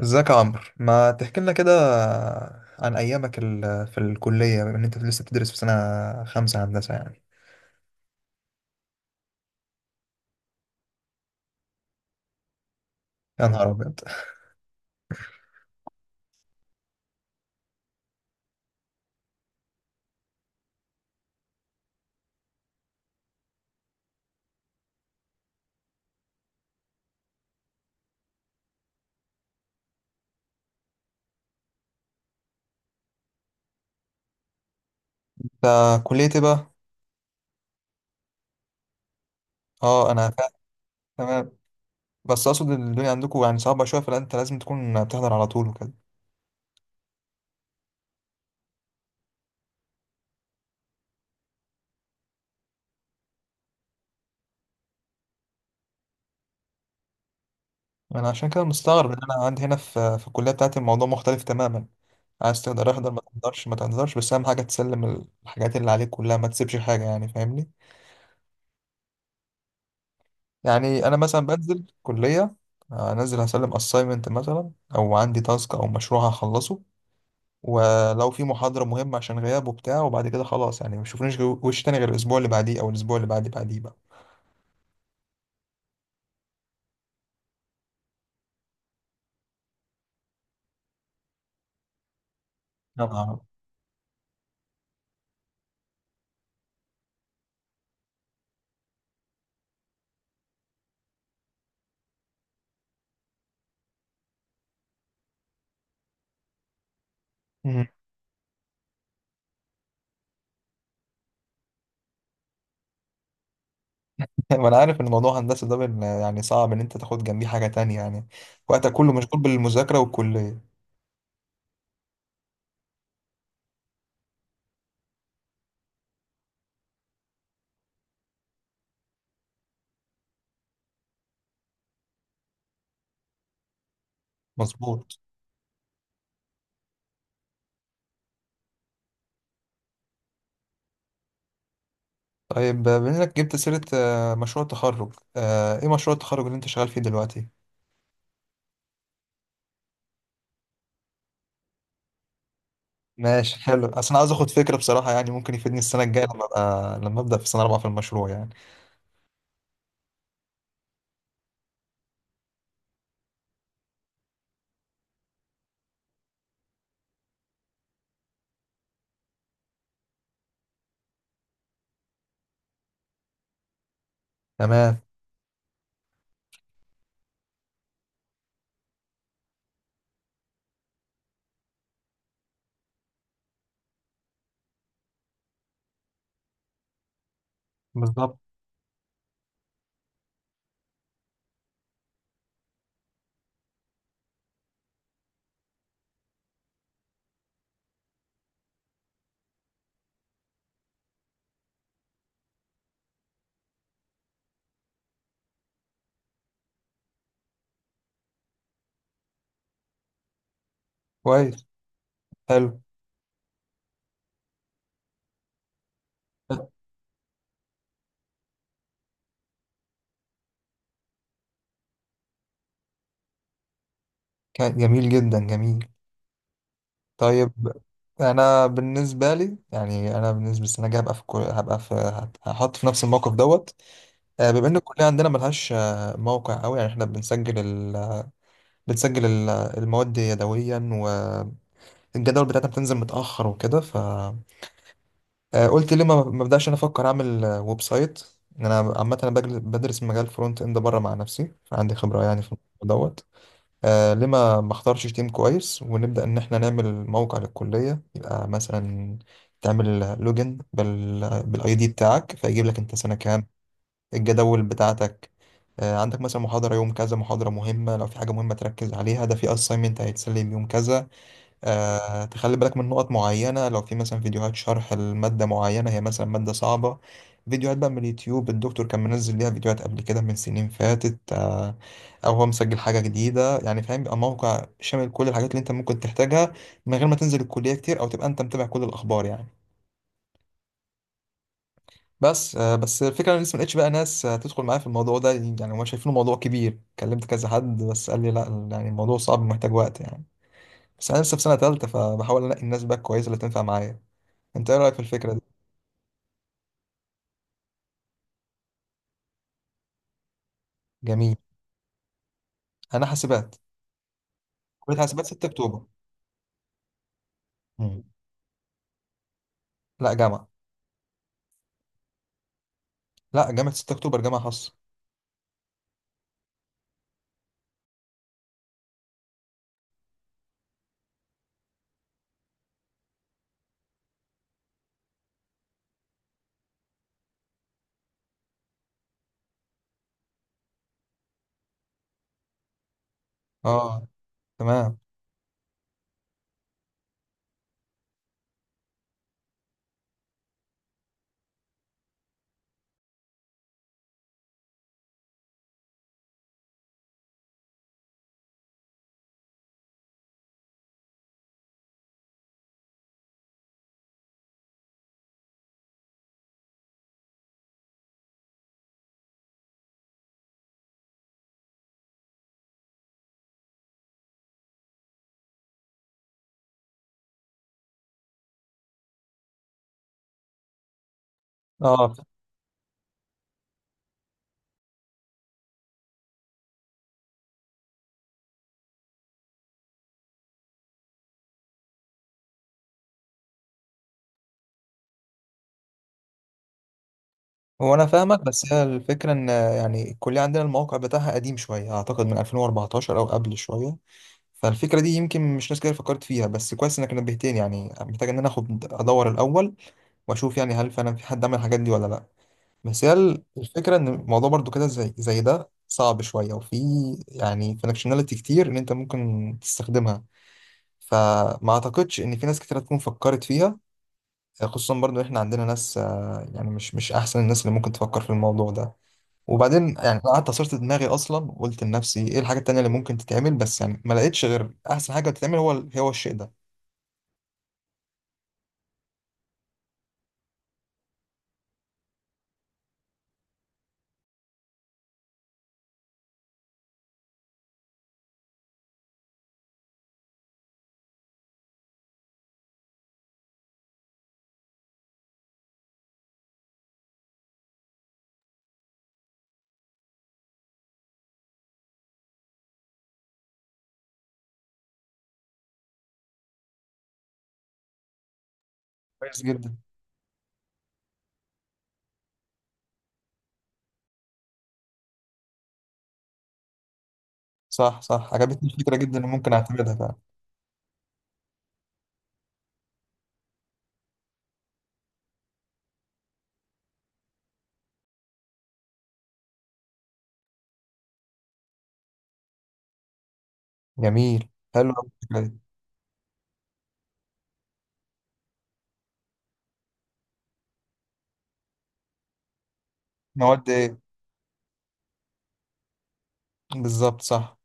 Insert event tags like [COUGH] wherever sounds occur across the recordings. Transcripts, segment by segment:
ازيك يا عمرو؟ ما تحكي لنا كده عن ايامك في الكليه، بما ان انت لسه بتدرس في سنه خمسه هندسه يعني. يا نهار ابيض! انت كليه ايه بقى؟ اه، انا فاهم. تمام. بس اقصد إن الدنيا عندكم يعني صعبه شويه، فانت لازم تكون بتحضر على طول وكده. انا عشان كده مستغرب ان انا عندي هنا في الكليه بتاعتي الموضوع مختلف تماما. عايز تقدر احضر، ما تقدرش ما تقدرش، بس اهم حاجه تسلم الحاجات اللي عليك كلها، ما تسيبش حاجه، يعني فاهمني. يعني انا مثلا بنزل كليه، انزل هسلم اساينمنت مثلا او عندي تاسك او مشروع هخلصه، ولو في محاضره مهمه عشان غياب وبتاع، وبعد كده خلاص يعني ما بشوفنيش وش تاني غير الاسبوع اللي بعديه او الاسبوع اللي بعد بعديه بقى. طبعا. مم. [LAUGHS] وانا عارف ان موضوع هندسه ده يعني صعب ان انت تاخد جنبيه حاجه تانية، يعني وقتك كله مشغول بالمذاكره والكليه. مظبوط. طيب، بما انك جبت سيره مشروع التخرج، ايه مشروع التخرج اللي انت شغال فيه دلوقتي؟ ماشي، حلو. اصل انا عاوز اخد فكره بصراحه، يعني ممكن يفيدني السنه الجايه، لما ابقى، لما ابدا في سنه رابعه في المشروع يعني. تمام. بالظبط. كويس. حلو. كان جميل جدا، جميل. طيب، انا بالنسبه لي يعني، انا بالنسبه للسنه الجايه هبقى في هبقى في هحط في نفس الموقف دوت. بما ان الكليه عندنا ملهاش موقع قوي، يعني احنا بنسجل بنسجل المواد يدويا، والجدول بتاعتنا بتنزل متاخر وكده، ف قلت ليه ما بدأش انا افكر اعمل ويب سايت؟ ان انا عامه انا بدرس مجال فرونت اند بره مع نفسي، فعندي خبره يعني في الموضوع دوت. آه، ليه ما اختارش تيم كويس ونبدا ان احنا نعمل موقع للكليه، يبقى مثلا تعمل لوجن بال، بالاي دي بتاعك، فيجيب لك انت سنه كام، الجداول بتاعتك. آه، عندك مثلا محاضره يوم كذا، محاضره مهمه لو في حاجه مهمه تركز عليها، ده في اساينمنت هيتسلم يوم كذا. تخلي بالك من نقط معينة، لو في مثلا فيديوهات شرح المادة معينة، هي مثلا مادة صعبة، فيديوهات بقى من اليوتيوب، الدكتور كان منزل ليها فيديوهات قبل كده من سنين فاتت، أو هو مسجل حاجة جديدة يعني، فاهم؟ بيبقى موقع شامل كل الحاجات اللي أنت ممكن تحتاجها من غير ما تنزل الكلية كتير، أو تبقى أنت متابع كل الأخبار يعني. بس بس الفكرة أنا لسه ملقتش بقى ناس تدخل معايا في الموضوع ده، يعني هما شايفينه موضوع كبير، كلمت كذا حد بس قال لي لا، يعني الموضوع صعب ومحتاج وقت يعني. بس أنا لسه في سنة تالتة، فبحاول أنقي الناس بقى كويسة اللي تنفع معايا. انت ايه رايك في الفكره دي؟ جميل. انا حاسبات. كليه حاسبات 6 اكتوبر. مم. لا، جامعه. لا، جامعه 6 اكتوبر جامعه خاصه. اه، تمام. اه، هو انا فاهمك، بس هي الفكره ان يعني الكليه عندنا الموقع بتاعها قديم شويه، اعتقد من 2014 او قبل شويه. فالفكره دي يمكن مش ناس كتير فكرت فيها، بس كويس انك نبهتني، يعني محتاج ان انا اخد ادور الاول واشوف يعني هل فعلا في حد عمل الحاجات دي ولا لا. بس هي الفكرة إن الموضوع برضو كده، زي ده صعب شوية، وفي يعني فانكشناليتي كتير إن أنت ممكن تستخدمها، فما أعتقدش إن في ناس كتير هتكون فكرت فيها، خصوصا برضو إحنا عندنا ناس، يعني مش أحسن الناس اللي ممكن تفكر في الموضوع ده. وبعدين يعني أنا قعدت عصرت دماغي أصلا، وقلت لنفسي إيه الحاجة التانية اللي ممكن تتعمل، بس يعني ما لقيتش غير أحسن حاجة تتعمل هو هو الشيء ده. كويس جدا. صح صح، عجبتني الفكرة جدا، إن ممكن أعتمدها فعلا. جميل. حلو أوي الفكرة دي. مواد إيه؟ بالظبط، صح.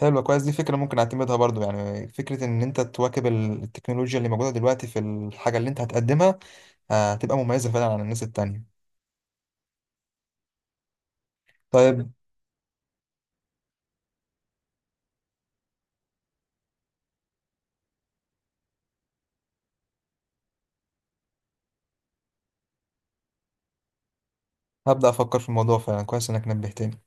حلوة، كويس. دي فكرة ممكن اعتمدها برضو، يعني فكرة ان انت تواكب التكنولوجيا اللي موجودة دلوقتي في الحاجة اللي انت هتقدمها. آه، هتبقى مميزة فعلا عن الناس التانية. طيب، هبدأ افكر في الموضوع فعلا، كويس انك نبهتني.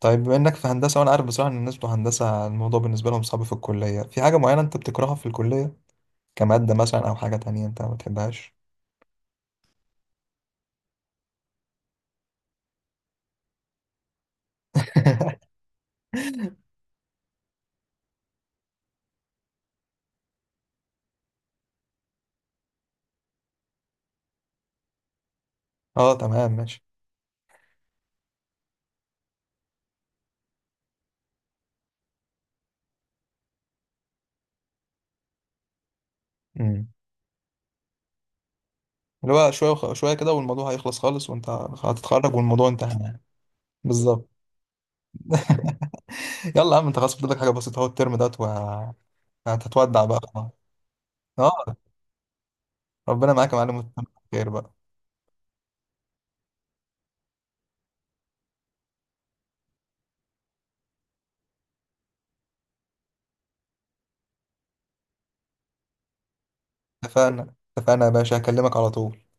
طيب، بما انك في هندسة، وانا عارف بصراحة ان الناس بتوع هندسة الموضوع بالنسبة لهم صعب في الكلية، في حاجة معينة انت بتكرهها في الكلية، كمادة مثلا او حاجة تانية انت ما بتحبهاش؟ [LAUGHS] اه، تمام، ماشي. امم، اللي هو شوية شوية كده والموضوع هيخلص خالص، وانت هتتخرج والموضوع انتهى يعني. بالظبط. يلا يا عم، انت خلاص فاضل لك حاجه بسيطه اهو الترم دوت، وهتتودع بقى خلاص. اه، ربنا معاك يا معلم، وتتمم على خير بقى. اتفقنا اتفقنا يا باشا، هكلمك على طول.